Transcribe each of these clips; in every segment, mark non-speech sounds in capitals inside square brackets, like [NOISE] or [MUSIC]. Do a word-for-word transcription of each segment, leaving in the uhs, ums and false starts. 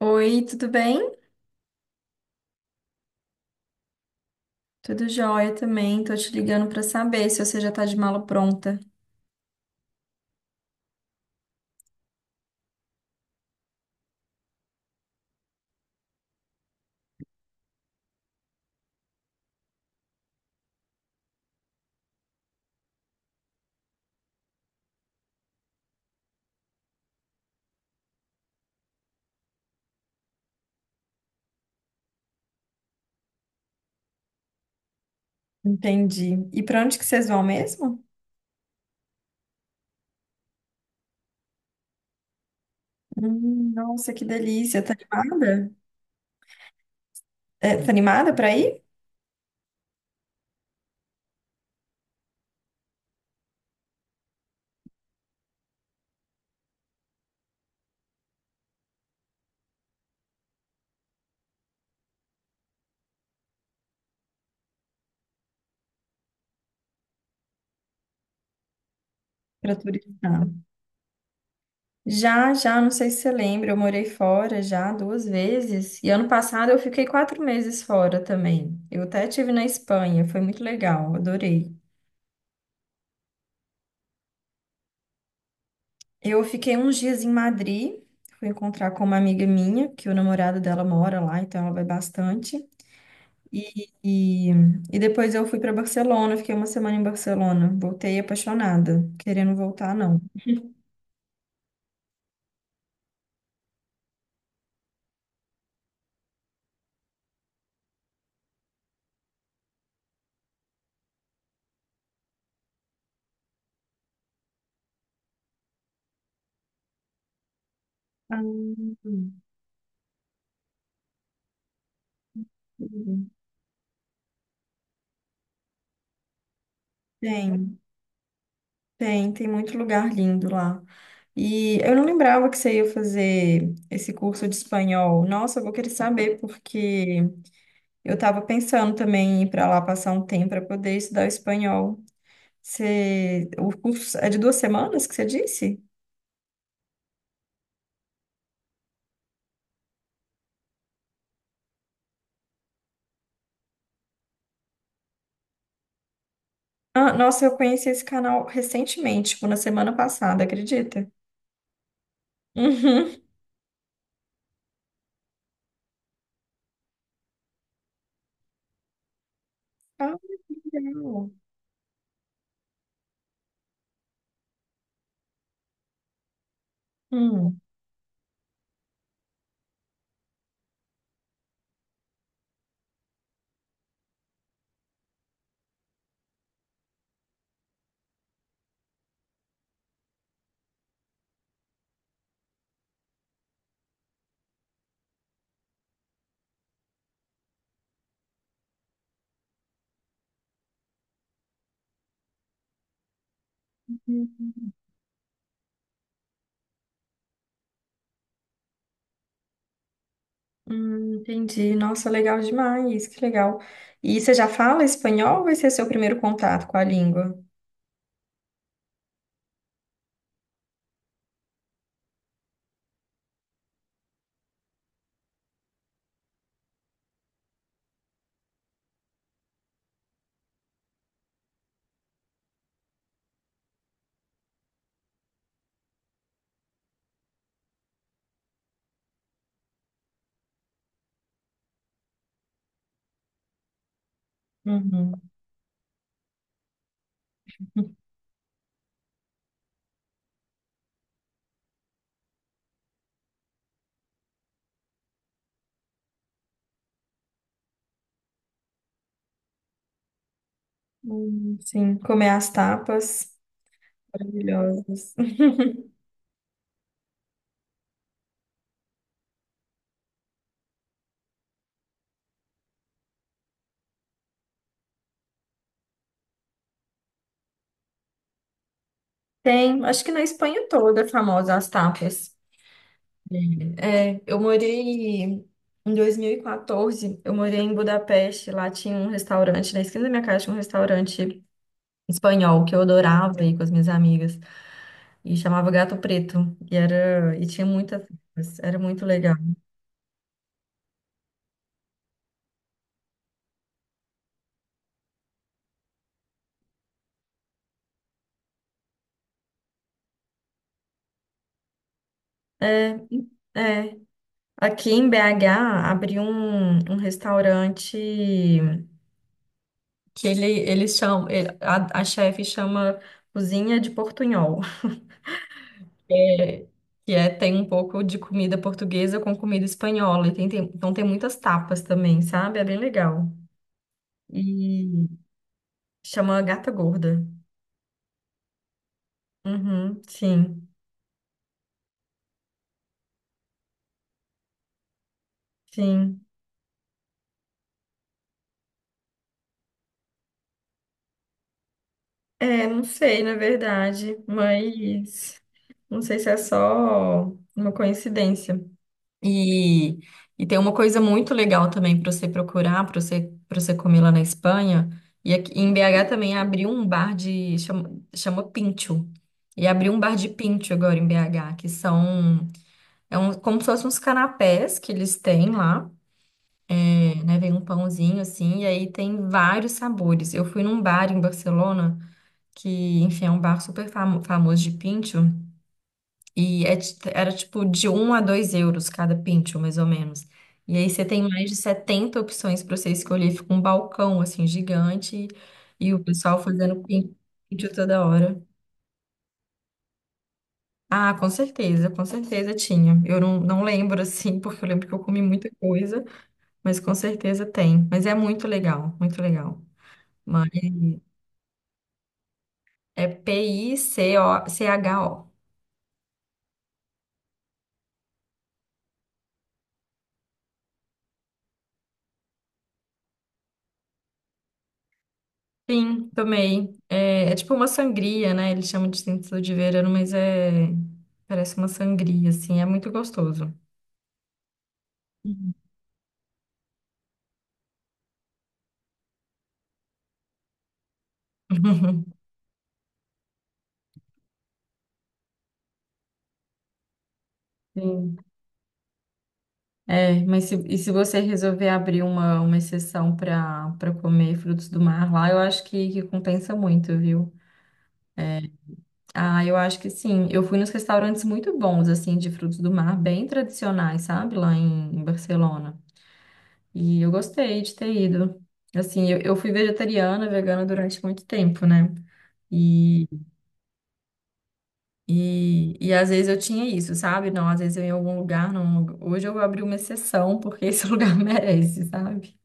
Oi, tudo bem? Tudo jóia também. Tô te ligando pra saber se você já tá de mala pronta. Entendi. E pra onde que vocês vão mesmo? Hum, nossa, que delícia. Tá animada? É, tá animada pra ir? Pra turistar. Já, já, não sei se você lembra, eu morei fora já duas vezes. E ano passado eu fiquei quatro meses fora também. Eu até tive na Espanha, foi muito legal, adorei. Eu fiquei uns dias em Madrid, fui encontrar com uma amiga minha, que o namorado dela mora lá, então ela vai bastante. E, e, e depois eu fui para Barcelona, fiquei uma semana em Barcelona. Voltei apaixonada, querendo voltar, não. Ah, uhum. Tem, tem, tem muito lugar lindo lá. E eu não lembrava que você ia fazer esse curso de espanhol. Nossa, eu vou querer saber, porque eu estava pensando também em ir para lá passar um tempo para poder estudar o espanhol. Você, o curso é de duas semanas que você disse? Ah, nossa, eu conheci esse canal recentemente, tipo, na semana passada, acredita? Uhum. Ah, que legal. Hum. Uhum. Hum, entendi. Nossa, legal demais, que legal. E você já fala espanhol ou vai ser seu primeiro contato com a língua? Uhum. Hum, sim, comer as tapas maravilhosas. Tem, acho que na Espanha toda é famosa as tapas. É, eu morei em dois mil e quatorze, eu morei em Budapeste, lá tinha um restaurante, na esquina da minha casa tinha um restaurante espanhol que eu adorava ir com as minhas amigas e chamava Gato Preto e era e tinha muitas festas, era muito legal. É, é. Aqui em B H abriu um, um restaurante que ele eles chamam ele- a, a chefe chama Cozinha de Portunhol. É, que é tem um pouco de comida portuguesa com comida espanhola e tem, tem, então tem muitas tapas também, sabe? É bem legal. E chama Gata Gorda. Uhum, sim. Sim. É, não sei, na verdade, mas não sei se é só uma coincidência. E, e tem uma coisa muito legal também para você procurar, para você, para você comer lá na Espanha. E aqui, em B H também abriu um bar de. Chama, chama Pincho. E abriu um bar de pincho agora em B H, que são. É um, como se fossem uns canapés que eles têm lá, é, né? Vem um pãozinho assim, e aí tem vários sabores. Eu fui num bar em Barcelona, que, enfim, é um bar super famo- famoso de pincho, e é ti- era tipo de um a dois euros cada pincho, mais ou menos. E aí você tem mais de setenta opções para você escolher, fica um balcão, assim, gigante, e o pessoal fazendo pin- pincho toda hora. Ah, com certeza, com certeza tinha. Eu não, não lembro, assim, [LAUGHS] porque eu lembro que eu comi muita coisa, mas com certeza tem. Mas é muito legal, muito legal. Mas é P I C O C H O. Sim, tomei. É, é, tipo uma sangria, né? Eles chamam de sentido de verano, mas é. Parece uma sangria, assim. É muito gostoso. Uhum. [LAUGHS] Sim. É, mas se, e se você resolver abrir uma, uma exceção para para comer frutos do mar lá, eu acho que, que, compensa muito, viu? É, ah, eu acho que sim. Eu fui nos restaurantes muito bons, assim, de frutos do mar, bem tradicionais, sabe? Lá em, em Barcelona. E eu gostei de ter ido. Assim, eu, eu fui vegetariana, vegana durante muito tempo, né? E, e, e às vezes eu tinha isso, sabe? Não, às vezes eu ia em algum lugar, não. Hoje eu abri uma exceção porque esse [LAUGHS] lugar merece, sabe?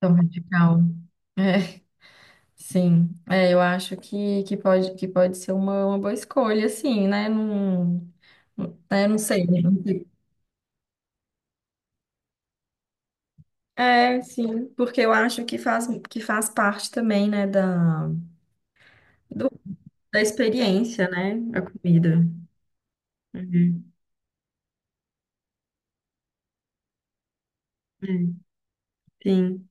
Tão radical. É, sim. É, eu acho que, que, pode, que pode ser uma, uma boa escolha, assim, né? Não, né? Não sei. Não sei. É, sim, porque eu acho que faz, que faz parte também, né, da, do da experiência, né? A comida. Uhum. É, sim.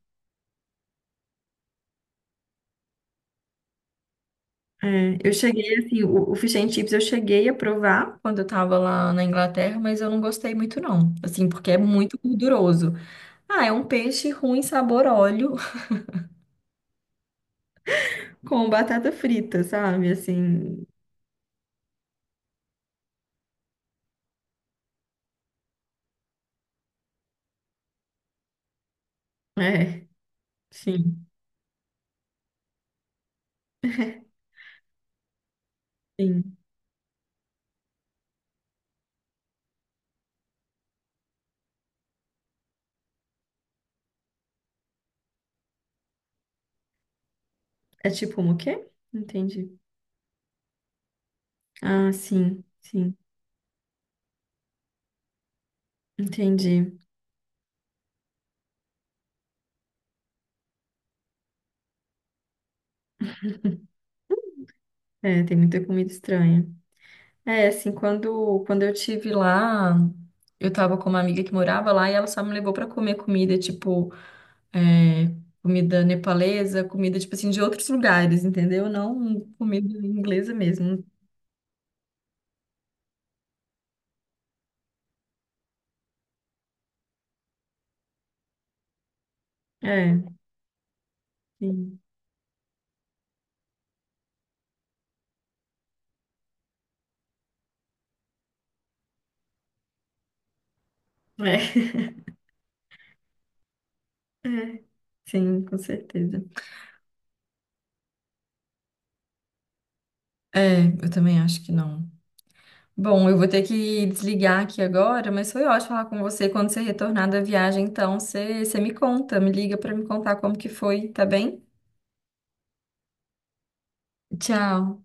É, eu cheguei, assim, o, o fish and chips eu cheguei a provar quando eu tava lá na Inglaterra, mas eu não gostei muito, não. Assim, porque é muito gorduroso. Ah, é um peixe ruim, sabor óleo, [LAUGHS] com batata frita, sabe? Assim, é, sim, [LAUGHS] sim. É tipo um o quê? Entendi. Ah, sim, sim. Entendi. É, tem muita comida estranha. É, assim, quando, quando eu tive lá, eu tava com uma amiga que morava lá e ela só me levou pra comer comida, tipo, é, comida nepalesa, comida, tipo assim, de outros lugares, entendeu? Não comida inglesa mesmo. É, sim. É, [LAUGHS] é, sim, com certeza. É, eu também acho que não. Bom, eu vou ter que desligar aqui agora, mas foi ótimo falar com você. Quando você retornar da viagem, então, você, você me conta, me liga pra me contar como que foi, tá bem? Tchau.